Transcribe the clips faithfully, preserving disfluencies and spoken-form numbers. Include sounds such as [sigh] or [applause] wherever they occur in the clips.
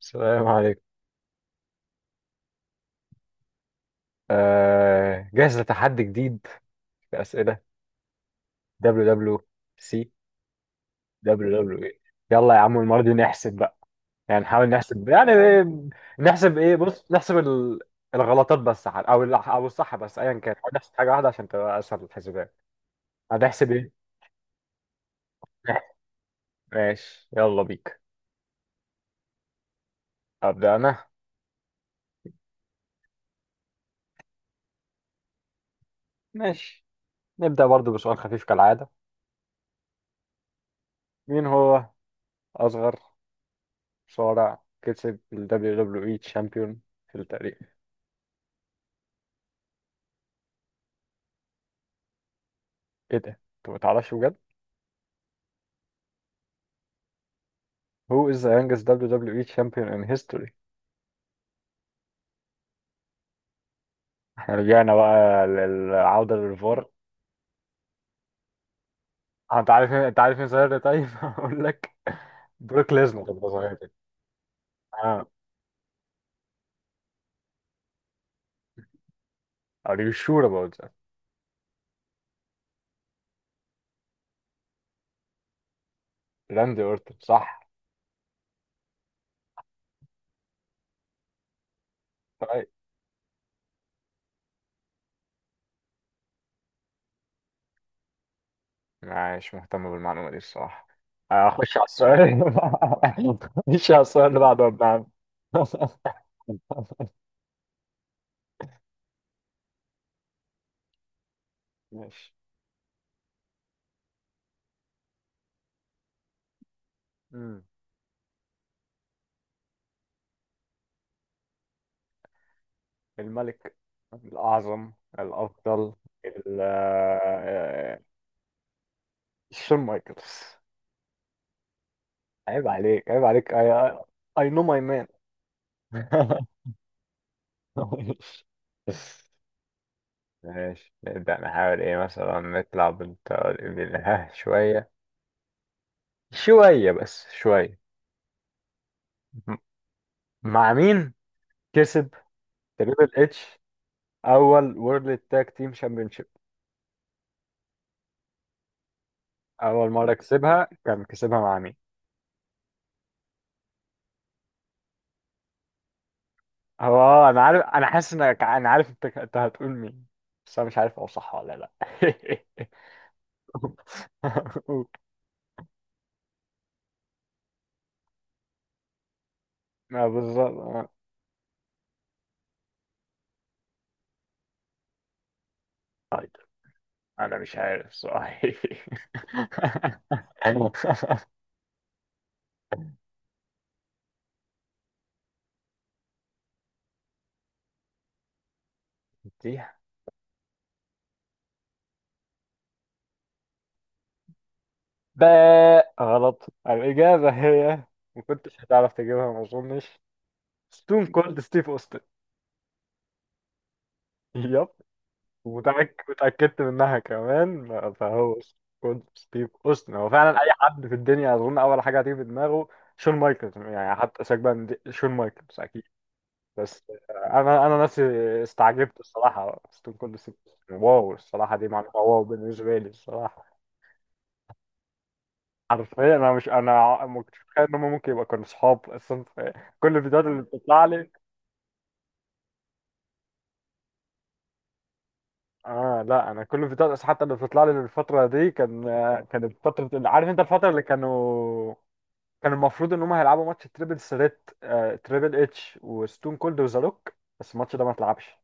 السلام عليكم. آه جاهز لتحدي جديد؟ في أسئلة. دبليو دبليو سي، دبليو دبليو اي. يلا يا عم، المرة دي نحسب بقى، يعني نحاول نحسب يعني. نحسب ايه؟ بص، نحسب ال- الغلطات بس، عاد- او ال- او الصح، بس ايا كان نحاول نحسب حاجة واحدة عشان تبقى اسهل الحسابات. هنحسب ايه؟ نحسب. ماشي، يلا بيك. أبدأ انا. ماشي، نبدأ برضو بسؤال خفيف كالعادة. مين هو أصغر مصارع كسب ال دبليو دبليو إي Champion في التاريخ؟ ايه ده؟ انت ما تعرفش بجد؟ Who is the youngest دبليو دبليو إي champion in history؟ احنا رجعنا بقى للعودة للفار. آه، انت عارف مين- انت عارف مين ظاهر ده طيب؟ [laughs] هقول لك، بروك ليزنر كان ظاهر ده. اه. are you sure about that؟ راندي اورتون صح. طيب، مش مهتم بالمعلومة دي الصراحة. آه، اخش على السؤال اللي بعده. [laughs] اخش على السؤال اللي بعده يا ابن عم. [laughs] ماشي. مم. الملك الأعظم الأفضل، ال- آه، آه، شون مايكلز. عيب عليك، عيب عليك. اي، اي نو ماي مان. [laughs] ماشي، نبدأ نحاول ايه مثلا، نطلع بالله شوية، شوية بس شوية. م- مع مين كسب تريبل اتش اول وورلد تاج تيم شامبيونشيب؟ اول مرة كسبها كان كسبها مع مين؟ هو انا عارف، انا حاسس انك، انا عارف انت انت هتقول مين، بس انا مش عارف هو صح ولا لا. [laughs] ما بالظبط آه. طيب. انا مش عارف صحيح. تيح. [laughs] باء غلط. الإجابة هي، ما كنتش هتعرف تجيبها ما أظنش، ستون كولد ستيف أوستن. يب. ومتأك- وتأكدت منها كمان، فهو ستون كولد ستيف أوستن. هو فعلا أي حد في الدنيا أظن أول حاجة هتيجي في دماغه شون مايكلز، يعني حتى سيبك بقى من دي- شون مايكلز أكيد. بس أنا أنا نفسي استعجبت الصراحة. ستون كولد ستيف أوستن، واو، الصراحة دي معلومة واو بالنسبة لي الصراحة. حرفيا، انا مش انا ما كنتش متخيل ان هم ممكن يبقى كانوا صحاب اصلا، في كل الفيديوهات اللي بتطلع لي. اه لا، انا كل الفيديوهات حتى اللي بتطلع لي الفتره دي كان، كانت فتره، عارف انت الفتره اللي كانوا، كان المفروض ان هم هيلعبوا ماتش تريبل سريت، آه، تريبل اتش وستون كولد وذا روك، بس الماتش ده ما اتلعبش.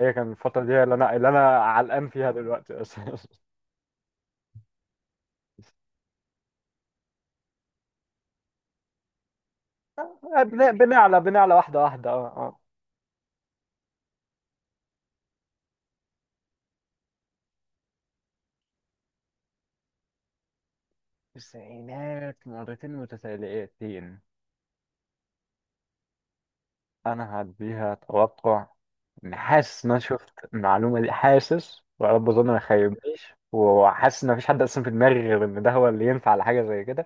هي كان الفتره دي اللي انا اللي انا علقان فيها دلوقتي اصلا. [laughs] بن- بنعلى بنعلى واحده واحده. اه اه. التسعينات مرتين متتاليتين، انا هديها توقع. إن حاسس ان انا شفت المعلومه دي، حاسس، ويا رب اظن ما خيبنيش، وحاسس ان مفيش حد اصلا في دماغي غير ان ده هو اللي ينفع لحاجه زي كده.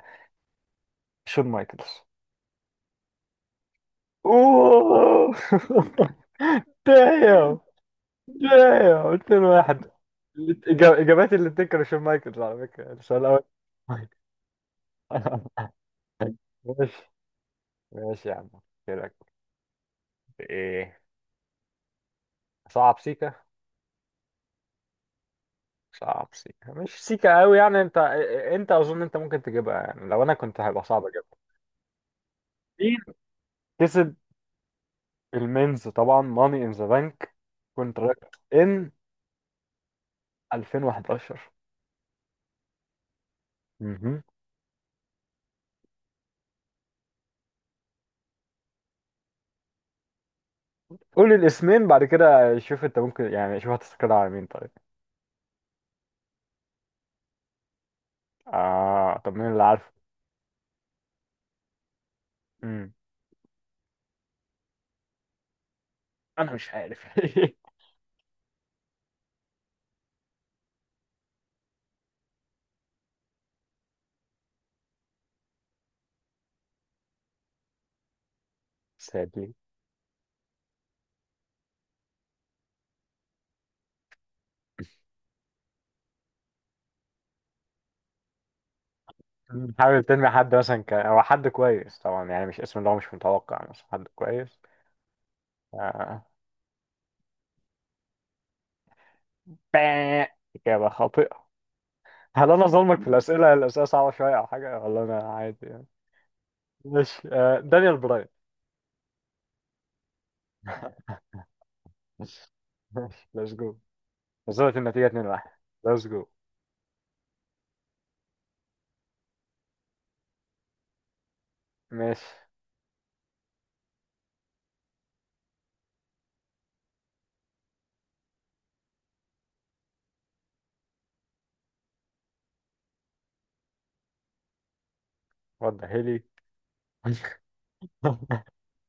شون مايكلز. اوه. [laughs] دايم. دايم، اتنين واحد. الإجا- اجابات اللي تذكر شون مايكلز، على فكره السؤال الاول. [laughs] ماشي. ماشي يا عم. كده، ايه، صعب سيكا. صعب سيكا، مش سيكا قوي يعني، انت، انت اظن انت ممكن تجيبها، يعني لو انا كنت هيبقى صعب اجيبها. مين كسب المينز طبعا ماني ان ذا بانك كونتراكت ان ألفين وحداشر؟ مهم. قول الاسمين بعد كده شوف انت ممكن يعني، شوف هتستقر على مين طيب. اه، طب مين اللي عارفه؟ مم. انا مش عارف. [laughs] سادي. مم. حاول تنمي حد مثلا، ك... او حد كويس طبعا، يعني مش اسم اللي هو مش متوقع، مثلا حد كويس. آه. باه. إجابة خاطئة. هل انا ظلمك في الاسئله، الاسئله صعبه شويه او حاجه، ولا انا عادي يعني؟ ماشي، آه، دانيال براين. [laughs] ماشي. ليتس جو. وصلت النتيجه اتنين واحد. ليتس جو. ماشي. وضح لي. [laughs]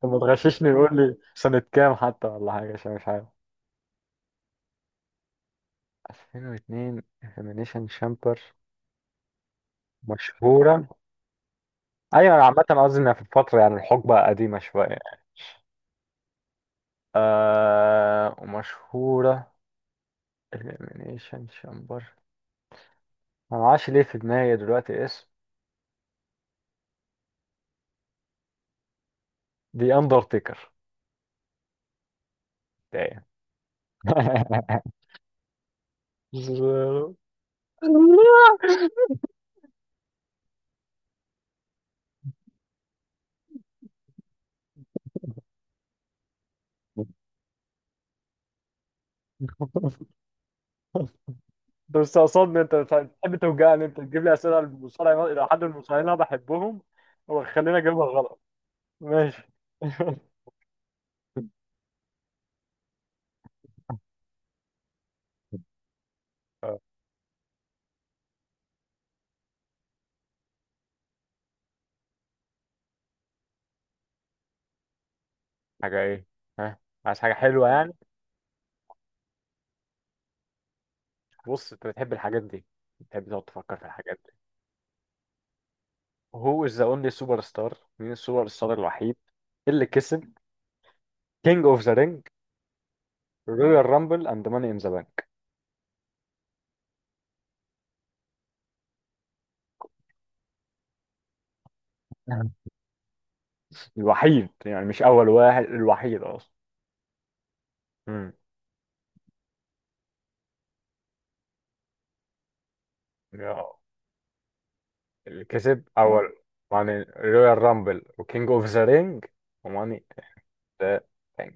طب ما تغششني وقول لي سنه كام حتى ولا حاجه، عشان مش عارف. ألفين واتنين، انفيمينيشن شامبر، مشهوره. ايوه، أنا عامه قصدي انها في الفتره يعني الحقبه قديمه شويه يعني. آه، ومشهورة، الإليمينيشن شامبر. أنا معرفش ليه في دماغي دلوقتي اسم The Undertaker. damn. [laughs] انت مستقصدني، انت بتح- بتحب توجعني، انت تجيب لي اسئله عن المصارعه الى حد المصارعين اللي انا بحبهم، وخلينا اجيبها غلط. ماشي. [laughs] آه، حاجه ايه؟ ها، عايز حاجه حلوه يعني. بص، انت بتحب الحاجات دي، بتحب تقعد تفكر في الحاجات دي. هو از ذا اونلي سوبر ستار، مين السوبر ستار الوحيد اللي كسب كينج اوف ذا رينج، رويال رامبل، اند ماني ان ذا بانك؟ [laughs] الوحيد يعني مش أول واحد، الوحيد أصلا. امم. يا- اللي كسب أول ماني، رويال رامبل، وكينج أوف ذا رينج، وماني ذا رينج.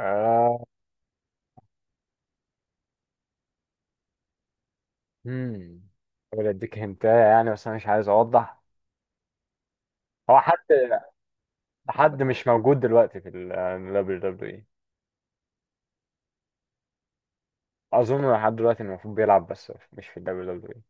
آه. مم. أقول أديك هنتاية يعني، بس أنا مش عايز أوضح. هو حد، حد مش موجود دلوقتي في ال دبليو دبليو إي. أظن لحد دلوقتي المفروض بيلعب، بس مش في الدبليو دبليو إي.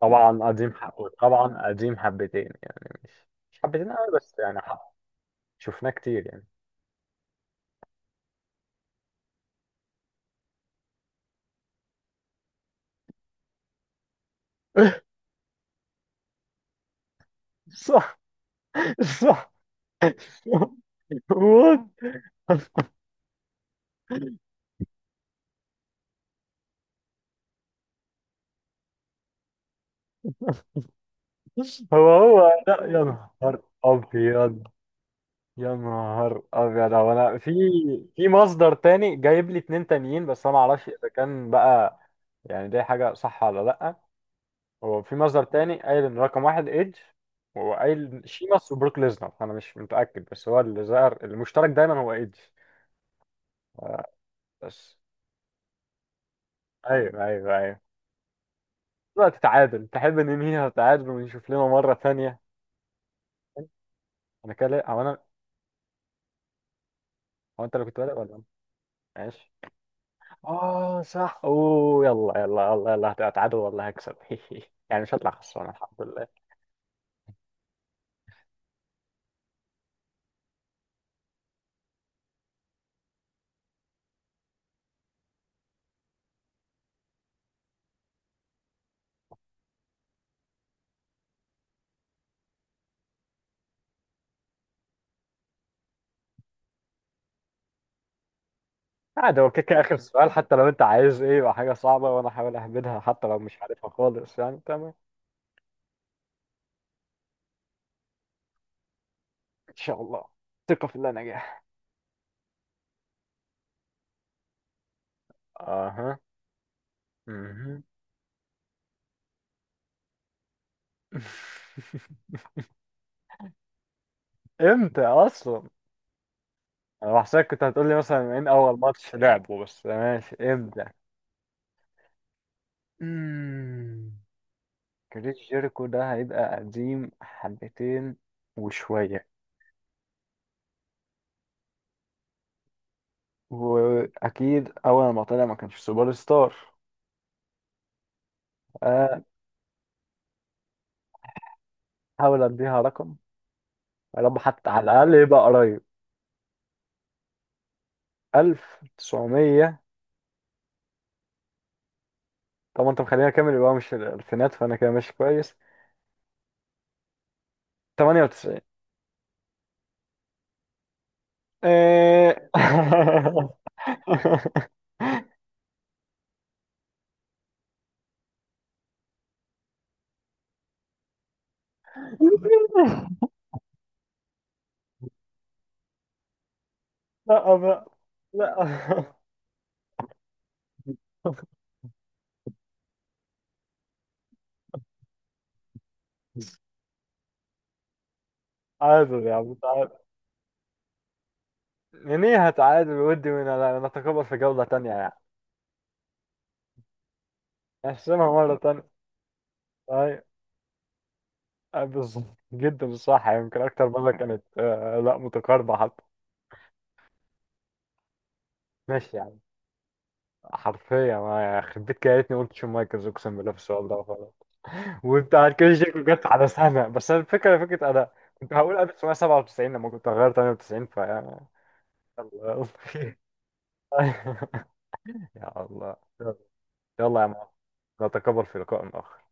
طبعا قديم حقه، طبعا قديم حبتين يعني، مش، مش حبتين قوي بس يعني حق. شفناه كتير يعني. [laughs] صح. صح. وات. هو هو لا، يا نهار ابيض. يا نهار ابيض، هو انا في، في مصدر تاني جايب لي اتنين تانيين، بس انا ما اعرفش اذا كان بقى يعني دي حاجه صح ولا لا. هو في مصدر تاني قايل ان رقم واحد ايدج، وهو قايل شيماس وبروك ليزنر، انا مش متاكد، بس هو اللي ظهر المشترك دايما هو ايدج. آه، بس. ايوه ايوه ايوه. دلوقتي تعادل، تحب ننهيها تعادل ونشوف لنا مره تانيه؟ انا كده، هو انا، هو انت اللي كنت بادئ ولا؟ ماشي. اه صح، اوه، يلا يلا يلا يلا هتعادل، والله هكسب. [laughs] يعني مش هطلع خسران، الحمد لله. عادي، هو كده كده اخر سؤال، حتى لو انت عايز ايه يبقى حاجه صعبه وانا احاول اهبدها حتى لو مش عارفها خالص، يعني تمام. ان شاء الله. ثقه في الله نجاح. اها. مهم. [laughs] امتى اصلا؟ انا بحسك كنت هتقول لي مثلا من اول ماتش لعبه، بس ماشي امتى. امم. كريس جيريكو ده هيبقى قديم حبتين وشوية، واكيد اول ما طلع ما كانش سوبر ستار. آه، حاول اديها رقم. يا رب حتى على الاقل يبقى قريب. ألف وتسعمية. طب انت مخلينا كامل يبقى مش الالفينات، فانا كده ماشي كويس. تمنية وتسعين. إيه. [laughs] لا بقى. لا. عادل يا عم، تعادل. منيها تعادل، ودي من، نتقابل في جولة تانية يعني. نحسمها مرة تانية. آه، بالظبط جدا صح، يمكن اكتر مره كانت آه، لا متقاربه حتى. ماشي يعني، حرفيا ما خبيت كده، يا ريتني قلت شون مايكلز اقسم بالله في السؤال ده وخلاص. وبتاع كل شيء جت على سنه، بس أنا الفكره فكره انا كنت هقول ألف وتسعمية سبعة وتسعين، لما كنت هغير تمنية وتسعين فيعني. يلا. [laughs] يلا. يا الله. يلا يا معلم. نتقابل في لقاء آخر.